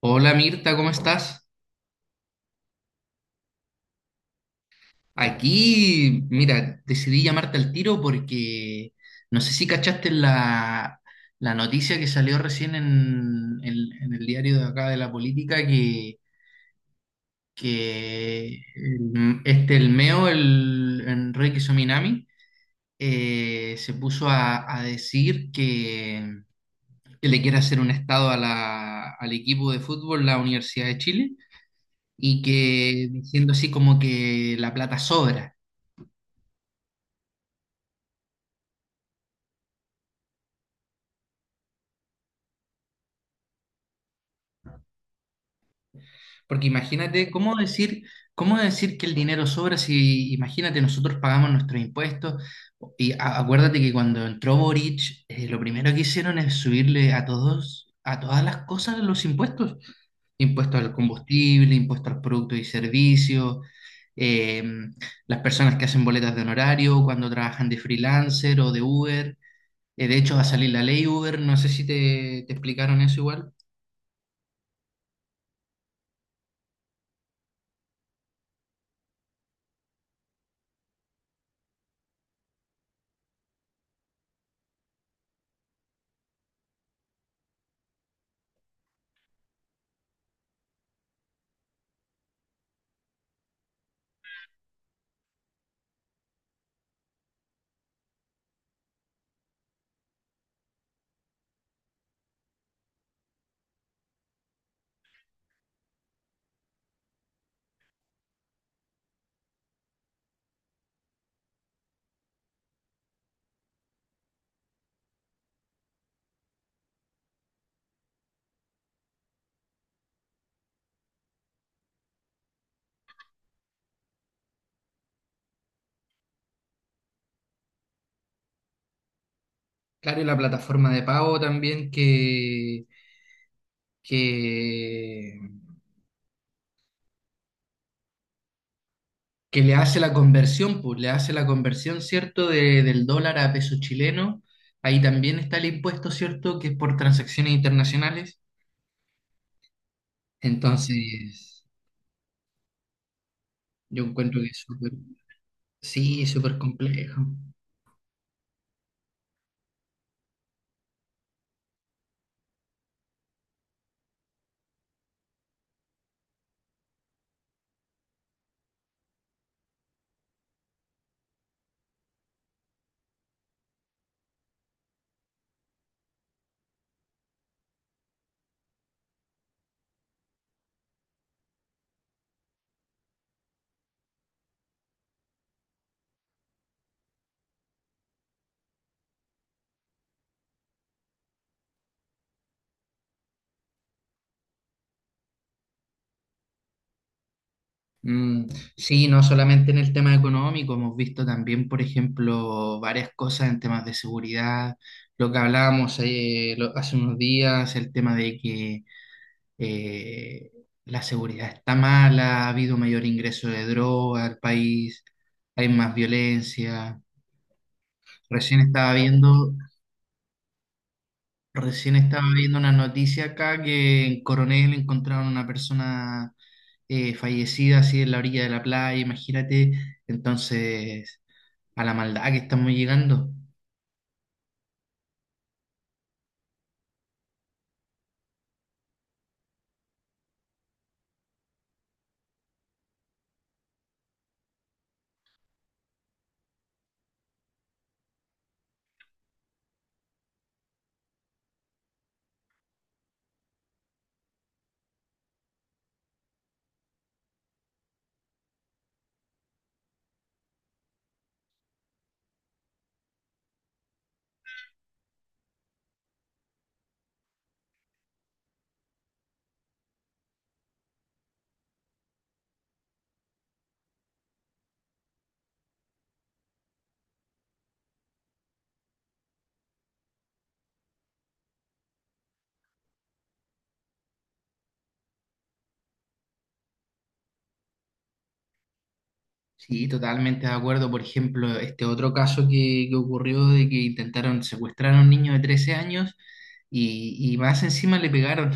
Hola Mirta, ¿cómo estás? Aquí, mira, decidí llamarte al tiro porque no sé si cachaste la noticia que salió recién el en el diario de acá de la política que el MEO, el Enrique Sominami, se puso a decir que le quiere hacer un estado a al equipo de fútbol, la Universidad de Chile, y que diciendo así como que la plata sobra. Porque imagínate, cómo decir que el dinero sobra si, imagínate, nosotros pagamos nuestros impuestos? Y acuérdate que cuando entró Boric, lo primero que hicieron es subirle a a todas las cosas los impuestos. Impuesto al combustible, impuestos a los productos y servicios, eh, las personas que hacen boletas de honorario cuando trabajan de freelancer o de Uber. De hecho, va a salir la ley Uber, no sé si te explicaron eso igual. Claro, y la plataforma de pago también que, que le hace la conversión, pues le hace la conversión, ¿cierto?, de- del dólar a peso chileno. Ahí también está el impuesto, ¿cierto?, que es por transacciones internacionales. Entonces, yo encuentro que es sí, es súper complejo. Mm, sí, no solamente en el tema económico, hemos visto también, por ejemplo, varias cosas en temas de seguridad, lo que hablábamos hace unos días, el tema de que eh, la seguridad está mala, ha habido mayor ingreso de droga al país, hay más violencia. Recién estaba viendo, recién estaba viendo una noticia acá que en Coronel encontraron una persona fallecida así en la orilla de la playa, imagínate, entonces a la maldad que estamos llegando. Sí, totalmente de acuerdo. Por ejemplo, este otro caso que ocurrió de que intentaron secuestrar a un niño de 13 años y más encima le pegaron.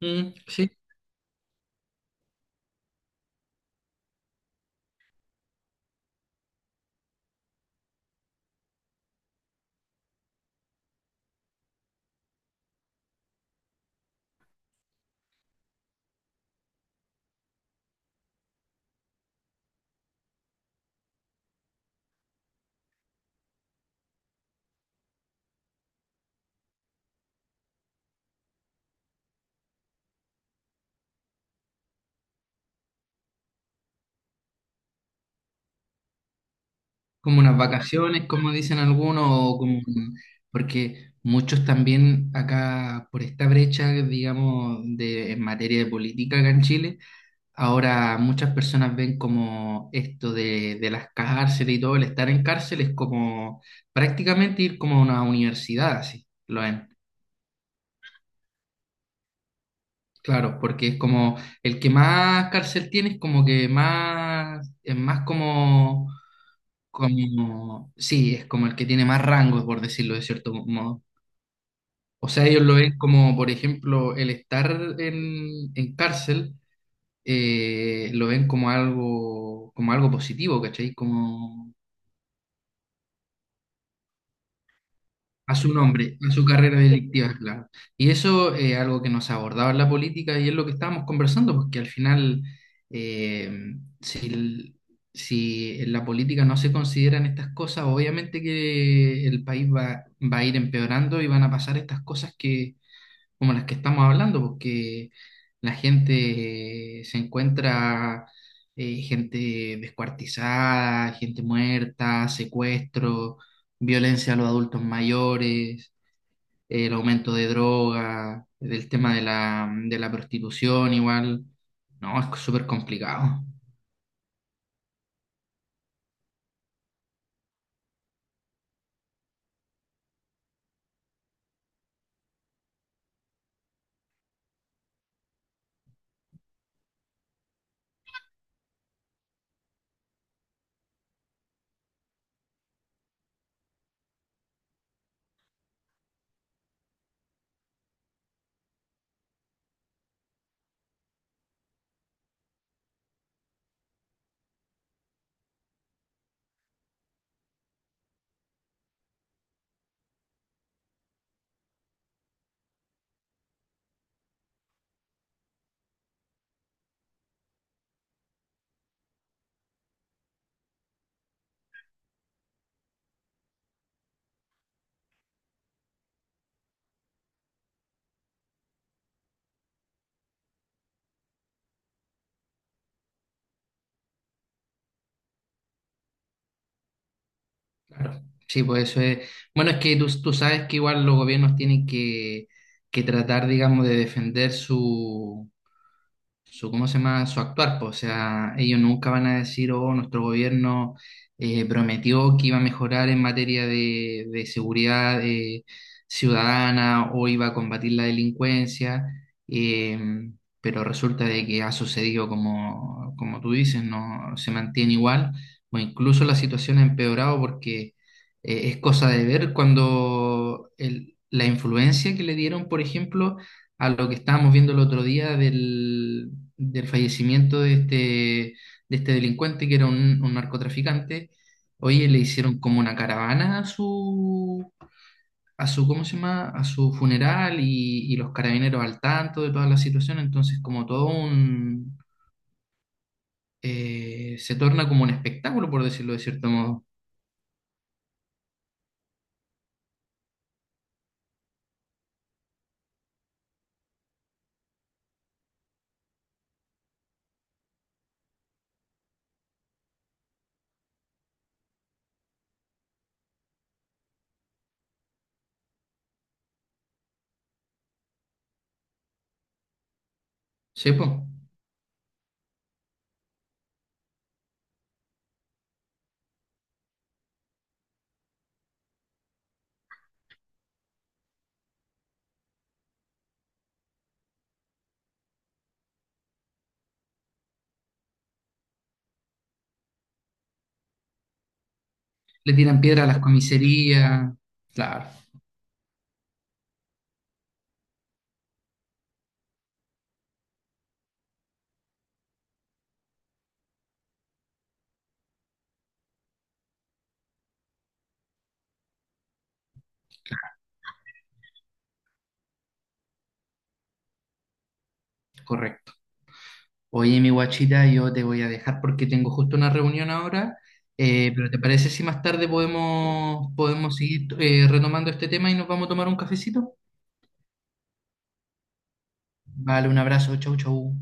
Mm, sí. Como unas vacaciones, como dicen algunos, o como, porque muchos también acá por esta brecha, digamos, en materia de política acá en Chile, ahora muchas personas ven como esto de las cárceles y todo, el estar en cárcel es como prácticamente ir como a una universidad, así, lo ven. Claro, porque es como el que más cárcel tiene es como que más, es más como sí, es como el que tiene más rangos, por decirlo de cierto modo. O sea, ellos lo ven como, por ejemplo, el estar en cárcel, lo ven como algo positivo, ¿cachai? Como, a su nombre, a su carrera delictiva, claro. Y eso es algo que nos abordaba en la política y es lo que estábamos conversando, porque al final, eh, si, el- si en la política no se consideran estas cosas, obviamente que el país va a ir empeorando y van a pasar estas cosas que como las que estamos hablando, porque la gente se encuentra gente descuartizada, gente muerta, secuestro, violencia a los adultos mayores, el aumento de droga, del tema de de la prostitución igual. No, es súper complicado. Claro. Sí, pues eso es. Bueno, es que tú sabes que igual los gobiernos tienen que tratar, digamos, de defender su ¿cómo se llama? Su actuar, po. O sea, ellos nunca van a decir, oh, nuestro gobierno prometió que iba a mejorar en materia de seguridad ciudadana o iba a combatir la delincuencia, eh, pero resulta de que ha sucedido como, como tú dices, no se mantiene igual, o incluso la situación ha empeorado porque es cosa de ver cuando la influencia que le dieron, por ejemplo, a lo que estábamos viendo el otro día del fallecimiento de este delincuente que era un narcotraficante. Oye, le hicieron como una caravana a su, ¿cómo se llama? A su funeral y los carabineros al tanto de toda la situación. Entonces, como todo un, se torna como un espectáculo, por decirlo de cierto modo. ¿Sí, po? Le tiran piedra a las comisarías. Claro, correcto. Oye, mi guachita, yo te voy a dejar porque tengo justo una reunión ahora, pero ¿te parece si más tarde podemos seguir retomando este tema y nos vamos a tomar un cafecito? Vale, un abrazo, chau, chau.